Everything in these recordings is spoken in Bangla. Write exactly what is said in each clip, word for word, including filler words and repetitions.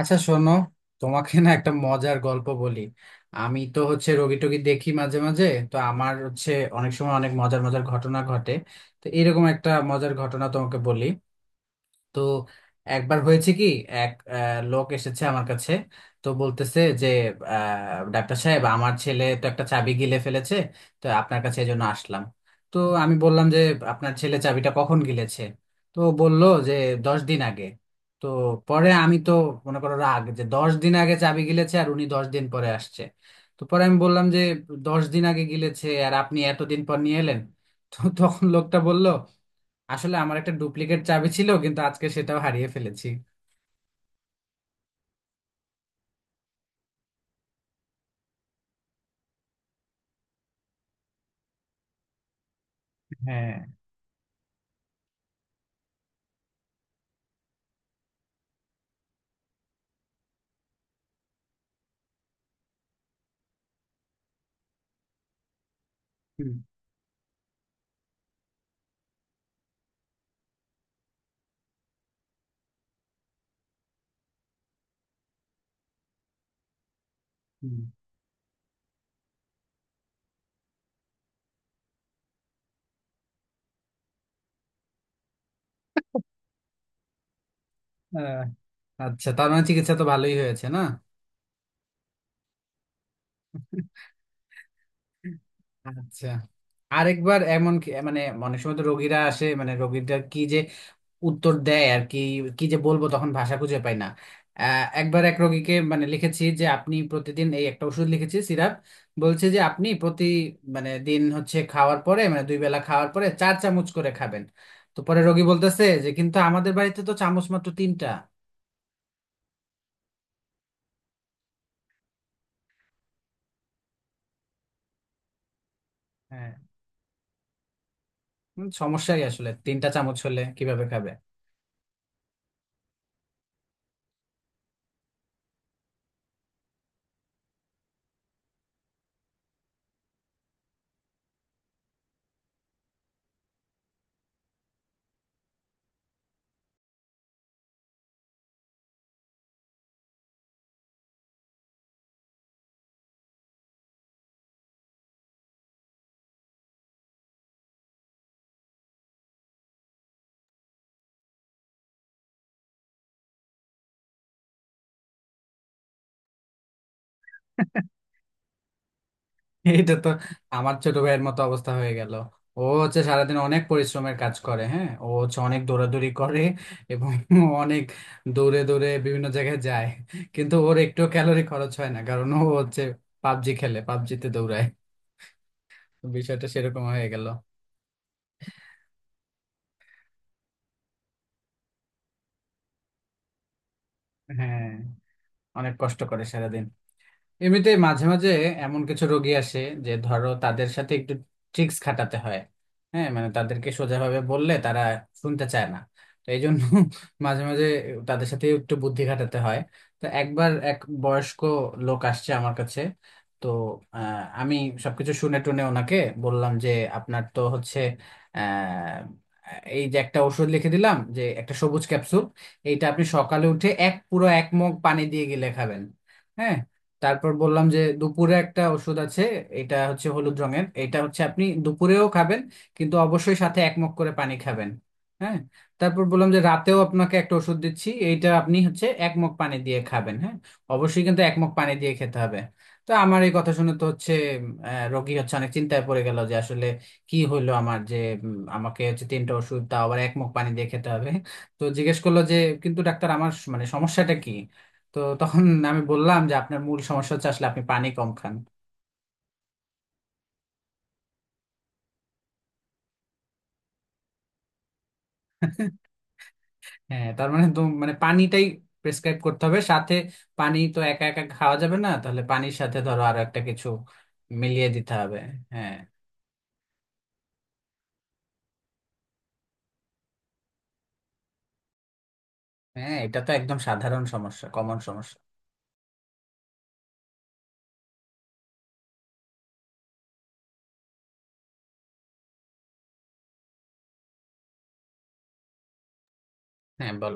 আচ্ছা, শোনো। তোমাকে না একটা মজার গল্প বলি। আমি তো হচ্ছে রোগী টোগী দেখি মাঝে মাঝে। তো আমার হচ্ছে অনেক সময় অনেক মজার মজার ঘটনা ঘটে। তো এরকম একটা মজার ঘটনা তোমাকে বলি। তো একবার হয়েছে কি, এক আহ, লোক এসেছে আমার কাছে। তো বলতেছে যে আহ, ডাক্তার সাহেব, আমার ছেলে তো একটা চাবি গিলে ফেলেছে, তো আপনার কাছে এই জন্য আসলাম। তো আমি বললাম যে আপনার ছেলে চাবিটা কখন গিলেছে। তো বলল যে দশ দিন আগে। তো পরে আমি তো মনে করো রাগ, যে দশ দিন আগে চাবি গিলেছে আর উনি দশ দিন পরে আসছে। তো পরে আমি বললাম যে দশ দিন আগে গিলেছে আর আপনি এতদিন পর নিয়ে এলেন। তো তখন লোকটা বলল, আসলে আমার একটা ডুপ্লিকেট চাবি ছিল কিন্তু আজকে সেটাও হারিয়ে ফেলেছি। হ্যাঁ। হুম। হুম। আহ, আচ্ছা, তার মানে চিকিৎসা তো ভালোই হয়েছে না। আচ্ছা, আরেকবার এমন কি- মানে অনেক সময় তো রোগীরা আসে, মানে রোগীরা কি যে উত্তর দেয় আর কি, কি যে বলবো, তখন ভাষা খুঁজে পাই না। আহ, একবার এক রোগীকে মানে লিখেছি যে আপনি প্রতিদিন এই একটা ওষুধ লিখেছি সিরাপ। বলছে যে আপনি প্রতি মানে দিন হচ্ছে খাওয়ার পরে, মানে দুই বেলা খাওয়ার পরে চার চামচ করে খাবেন। তো পরে রোগী বলতেছে যে কিন্তু আমাদের বাড়িতে তো চামচ মাত্র তিনটা। হ্যাঁ। উম, সমস্যাই, আসলে তিনটা চামচ হলে কিভাবে খাবে। এটা তো আমার ছোট ভাইয়ের মতো অবস্থা হয়ে গেল। ও হচ্ছে সারাদিন অনেক পরিশ্রমের কাজ করে। হ্যাঁ, ও হচ্ছে অনেক দৌড়াদৌড়ি করে এবং অনেক দৌড়ে দৌড়ে বিভিন্ন জায়গায় যায়। কিন্তু ওর একটু ক্যালোরি খরচ হয় না, কারণ ও হচ্ছে পাবজি খেলে, পাবজিতে দৌড়ায়। বিষয়টা সেরকম হয়ে গেল। হ্যাঁ, অনেক কষ্ট করে সারাদিন। এমনিতে মাঝে মাঝে এমন কিছু রোগী আসে যে ধরো তাদের সাথে একটু ট্রিক্স খাটাতে হয়। হ্যাঁ, মানে তাদেরকে সোজাভাবে বললে তারা শুনতে চায় না। তো এই জন্য মাঝে মাঝে তাদের সাথে একটু বুদ্ধি খাটাতে হয়। তো একবার এক বয়স্ক লোক আসছে আমার কাছে। তো আহ, আমি সবকিছু শুনে টুনে ওনাকে বললাম যে আপনার তো হচ্ছে আহ এই যে একটা ওষুধ লিখে দিলাম, যে একটা সবুজ ক্যাপসুল, এইটা আপনি সকালে উঠে এক পুরো এক মগ পানি দিয়ে গিলে খাবেন। হ্যাঁ। তারপর বললাম যে দুপুরে একটা ওষুধ আছে, এটা হচ্ছে হলুদ রঙের, এটা হচ্ছে আপনি দুপুরেও খাবেন কিন্তু অবশ্যই সাথে এক মগ করে পানি খাবেন। হ্যাঁ। তারপর বললাম যে রাতেও আপনাকে একটা ওষুধ দিচ্ছি, এইটা আপনি হচ্ছে এক মগ পানি দিয়ে খাবেন। হ্যাঁ, অবশ্যই কিন্তু এক মগ পানি দিয়ে খেতে হবে। তো আমার এই কথা শুনে তো হচ্ছে আহ, রোগী হচ্ছে অনেক চিন্তায় পড়ে গেল, যে আসলে কি হইলো আমার, যে উম, আমাকে হচ্ছে তিনটা ওষুধ, তাও আবার এক মগ পানি দিয়ে খেতে হবে। তো জিজ্ঞেস করলো যে কিন্তু ডাক্তার আমার স- মানে সমস্যাটা কি। তো তখন আমি বললাম যে আপনার মূল সমস্যা হচ্ছে, আসলে আপনি পানি কম খান। হ্যাঁ, তার মানে তো মানে পানিটাই প্রেসক্রাইব করতে হবে সাথে। পানি তো একা একা খাওয়া যাবে না, তাহলে পানির সাথে ধরো আরো একটা কিছু মিলিয়ে দিতে হবে। হ্যাঁ। হ্যাঁ, এটা তো একদম সাধারণ সমস্যা, কমন সমস্যা। হ্যাঁ, বল।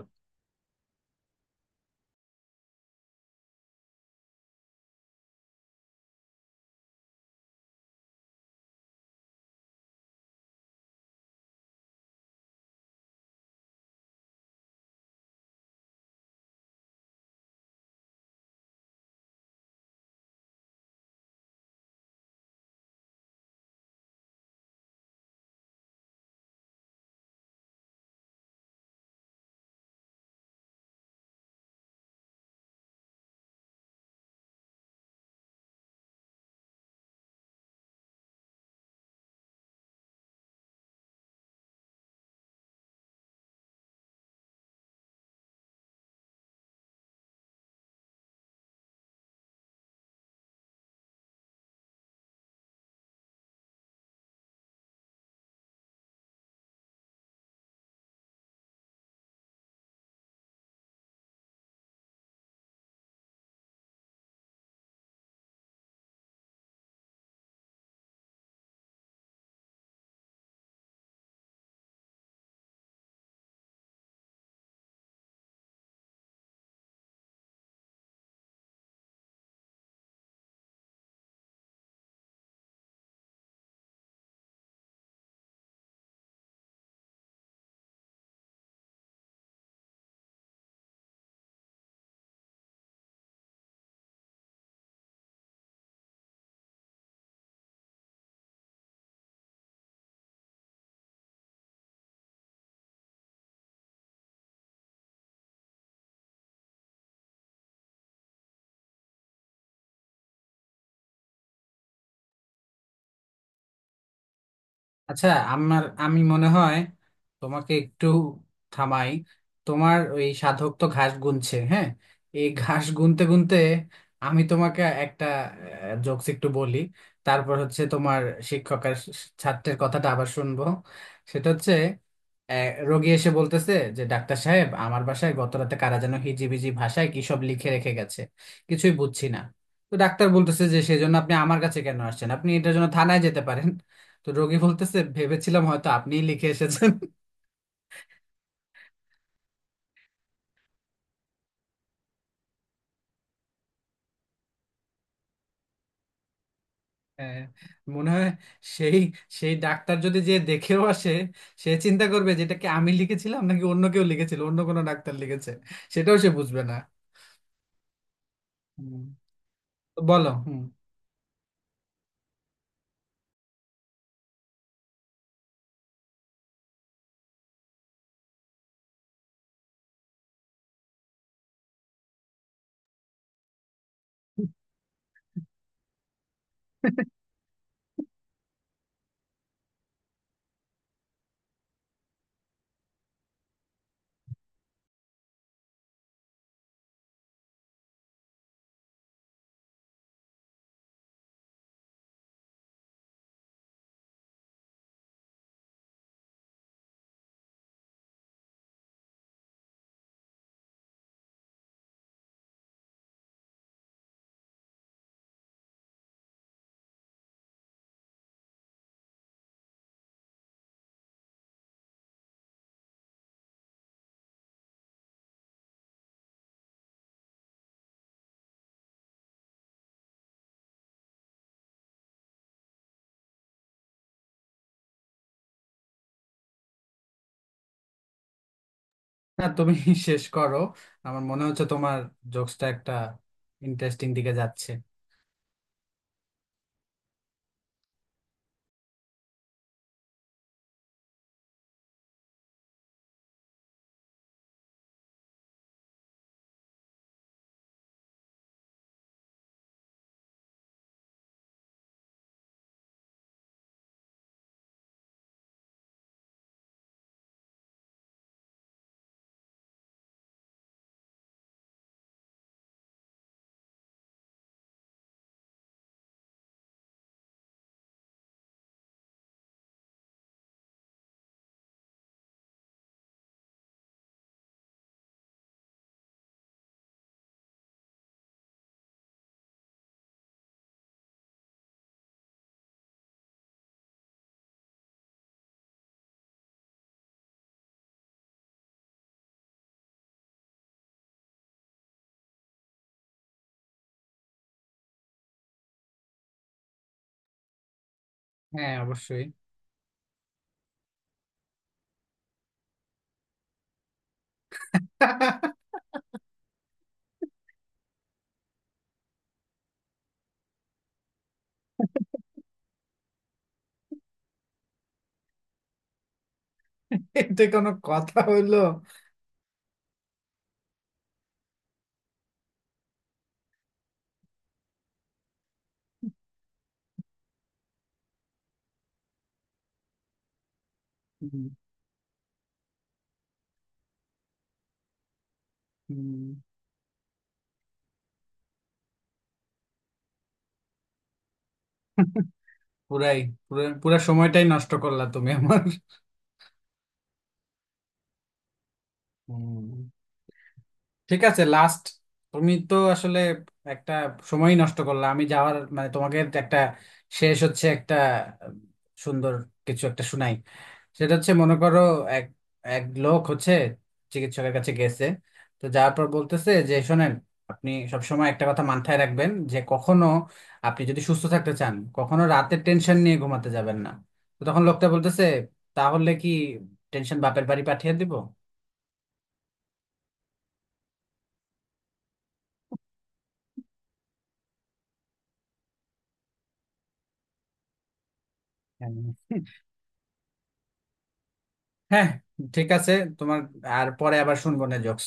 আচ্ছা, আমার আমি মনে হয় তোমাকে একটু থামাই। তোমার ওই সাধক তো ঘাস গুনছে। হ্যাঁ, এই ঘাস গুনতে গুনতে আমি তোমাকে একটা জোকস একটু বলি। তারপর হচ্ছে তোমার শিক্ষক আর শ- ছাত্রের কথাটা আবার শুনবো। সেটা হচ্ছে, আহ, রোগী এসে বলতেছে যে ডাক্তার সাহেব, আমার বাসায় গত রাতে কারা যেন হিজিবিজি ভাষায় কি সব লিখে রেখে গেছে, কিছুই বুঝছি না। তো ডাক্তার বলতেছে যে সেজন্য আপনি আমার কাছে কেন আসছেন, আপনি এটার জন্য থানায় যেতে পারেন। তো রোগী বলতেছে, ভেবেছিলাম হয়তো আপনিই লিখে এসেছেন। হ্যাঁ, মনে হয় সেই সেই ডাক্তার যদি যে দেখেও আসে, সে চিন্তা করবে যে এটা কি আমি লিখেছিলাম নাকি অন্য কেউ লিখেছিল, অন্য কোনো ডাক্তার লিখেছে, সেটাও সে বুঝবে না। হুম। তো বলো। হুম। না, তুমি শেষ করো। আমার মনে হচ্ছে তোমার জোকসটা একটা ইন্টারেস্টিং দিকে যাচ্ছে। হ্যাঁ, অবশ্যই। এটা কোনো কথা হইলো। হুম। হুম। পুরাই পুরা পুরা সময়টাই নষ্ট করলা তুমি আমার। হুম। ঠিক আছে, লাস্ট, তুমি তো আসলে একটা সময় নষ্ট করলা। আমি যাওয়ার মানে তোমাকে একটা শেষ হচ্ছে একটা আহ, সুন্দর কিছু একটা শুনাই। সেটা হচ্ছে, মনে করো, এক এক লোক হচ্ছে চিকিৎসকের কাছে গেছে। তো যাওয়ার পর বলতেছে যে শোনেন, আপনি সবসময় একটা কথা মাথায় রাখবেন যে কখনো, আপনি যদি সুস্থ থাকতে চান, কখনো রাতের টেনশন নিয়ে ঘুমাতে যাবেন না। তো তখন লোকটা বলতেছে, তাহলে কি টেনশন বাপের বাড়ি পাঠিয়ে দিব। হ্যাঁ। হ্যাঁ, ঠিক আছে, তোমার আর পরে আবার শুনবো না জোকস।